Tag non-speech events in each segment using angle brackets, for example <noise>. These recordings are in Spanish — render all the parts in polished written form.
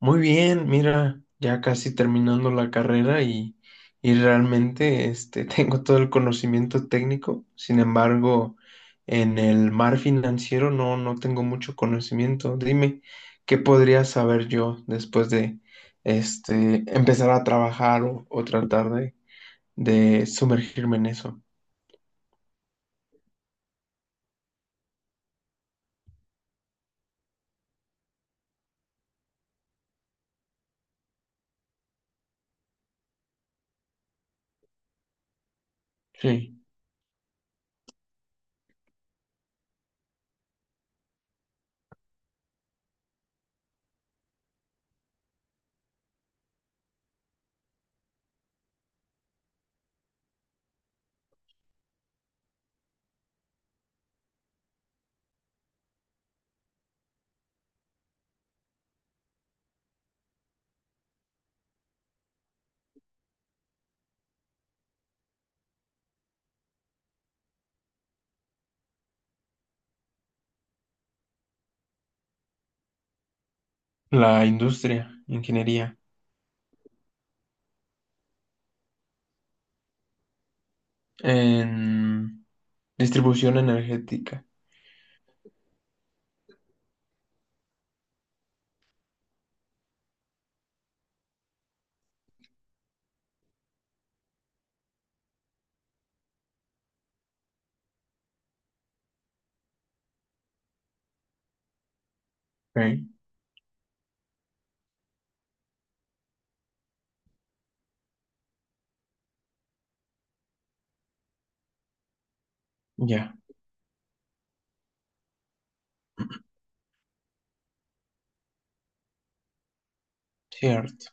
Muy bien, mira, ya casi terminando la carrera y realmente <laughs> tengo todo el conocimiento técnico. Sin embargo, en el mar financiero no tengo mucho conocimiento. Dime, ¿qué podría saber yo después de empezar a trabajar o tratar de sumergirme en eso? Sí, la industria, ingeniería, en distribución energética. Ok. Ya, cierto.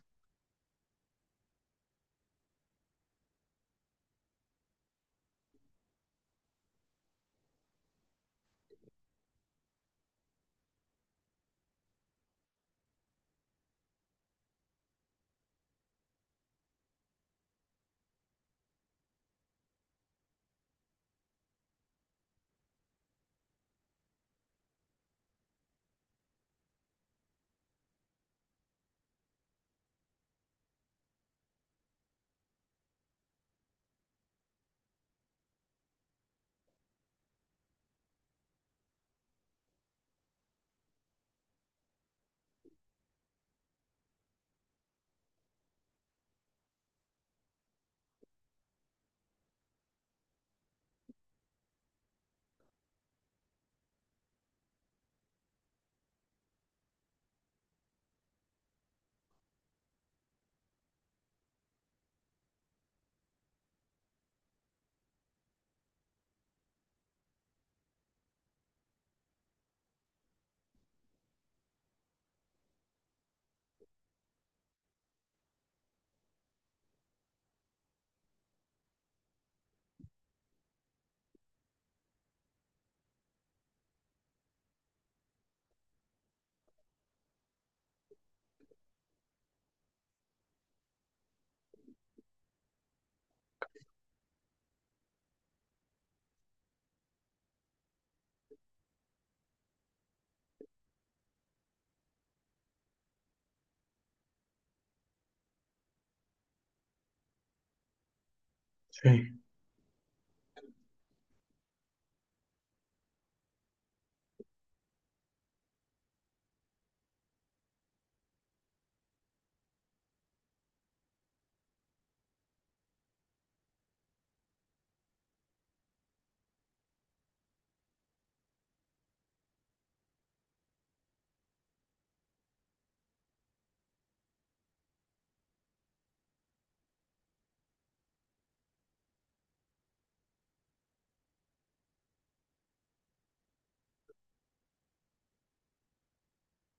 Sí.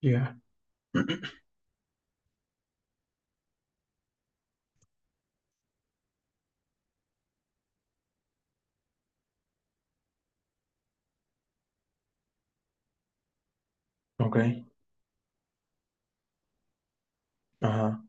Ya. <clears throat> Ok. Ajá.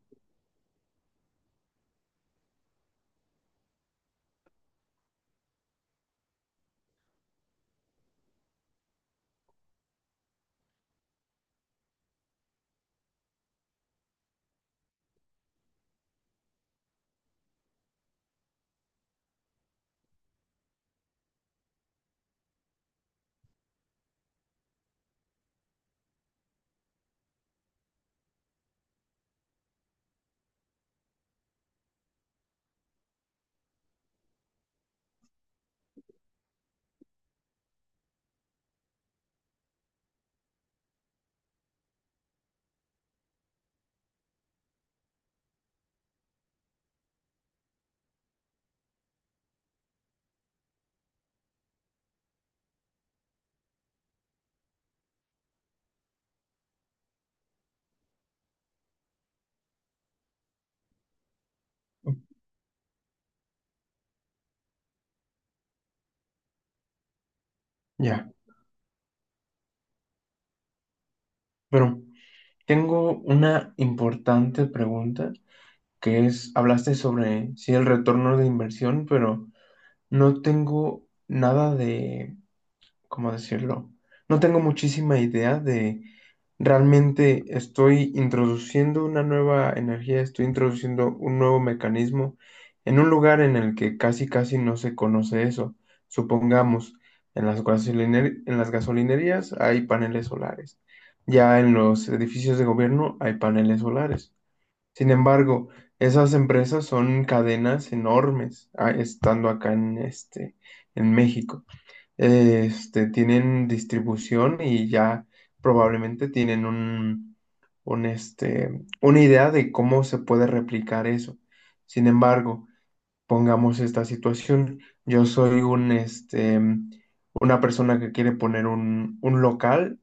Ya. Pero tengo una importante pregunta, que es, hablaste sobre, sí, el retorno de inversión, pero no tengo nada de, ¿cómo decirlo? No tengo muchísima idea de realmente estoy introduciendo una nueva energía, estoy introduciendo un nuevo mecanismo en un lugar en el que casi casi no se conoce eso. Supongamos, en las en las gasolinerías hay paneles solares. Ya en los edificios de gobierno hay paneles solares. Sin embargo, esas empresas son cadenas enormes. Ah, estando acá en este, en México tienen distribución y ya probablemente tienen una idea de cómo se puede replicar eso. Sin embargo, pongamos esta situación. Yo soy una persona que quiere poner un local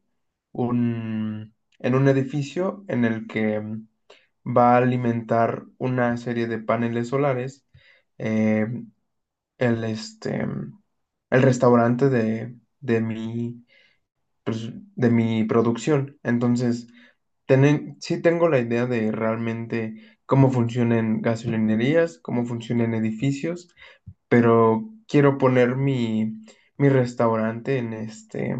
en un edificio en el que va a alimentar una serie de paneles solares. Eh, el, este, el restaurante de mi producción. Entonces, sí tengo la idea de realmente cómo funcionan gasolinerías, cómo funcionan edificios, pero quiero poner mi restaurante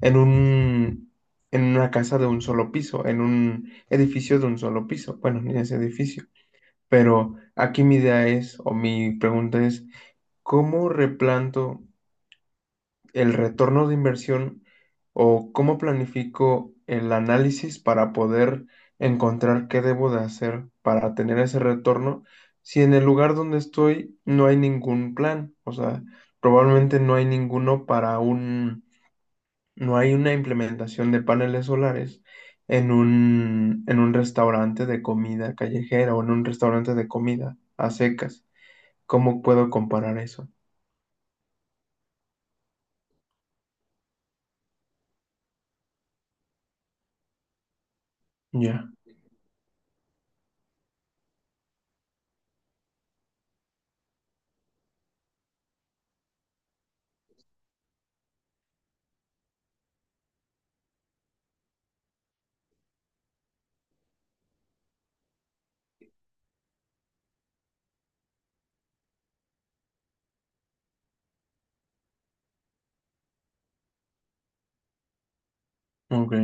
en un, en una casa de un solo piso, en un edificio de un solo piso. Bueno, ni ese edificio. Pero aquí mi idea es, o mi pregunta es, ¿cómo replanto el retorno de inversión o cómo planifico el análisis para poder encontrar qué debo de hacer para tener ese retorno si en el lugar donde estoy no hay ningún plan? O sea, probablemente no hay ninguno para no hay una implementación de paneles solares en un restaurante de comida callejera o en un restaurante de comida a secas. ¿Cómo puedo comparar eso? Ya. Ok.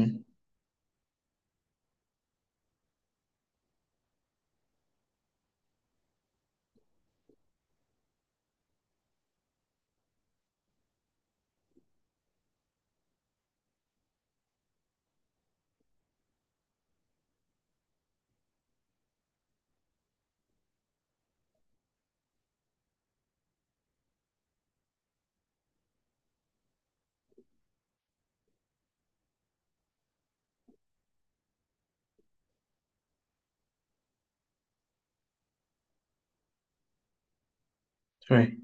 Sí,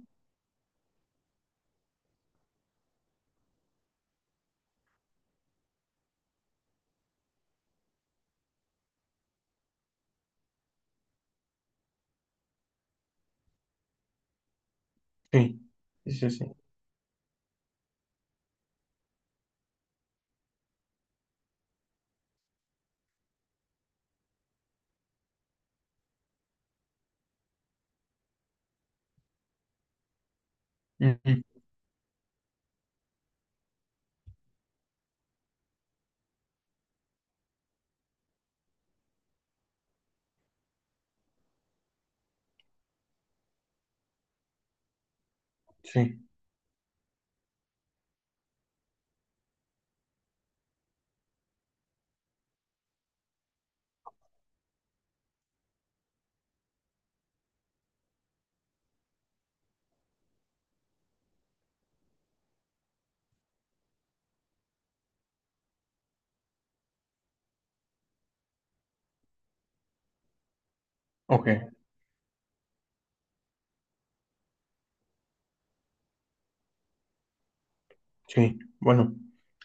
sí, sí, sí, sí. Ujú. Sí. Ok. Sí, bueno,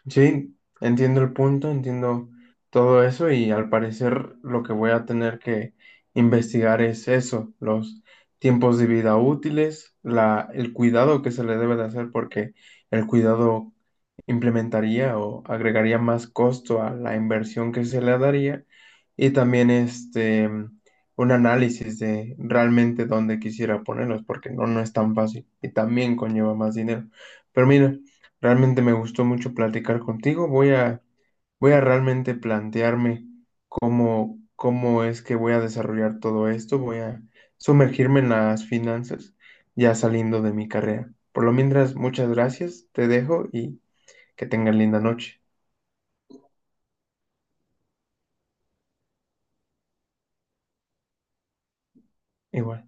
sí, entiendo el punto, entiendo todo eso, y al parecer lo que voy a tener que investigar es eso, los tiempos de vida útiles, la, el cuidado que se le debe de hacer, porque el cuidado implementaría o agregaría más costo a la inversión que se le daría, y también un análisis de realmente dónde quisiera ponerlos porque no es tan fácil y también conlleva más dinero. Pero mira, realmente me gustó mucho platicar contigo. Voy a realmente plantearme cómo es que voy a desarrollar todo esto. Voy a sumergirme en las finanzas ya saliendo de mi carrera. Por lo mientras, muchas gracias, te dejo y que tengan linda noche. Igual.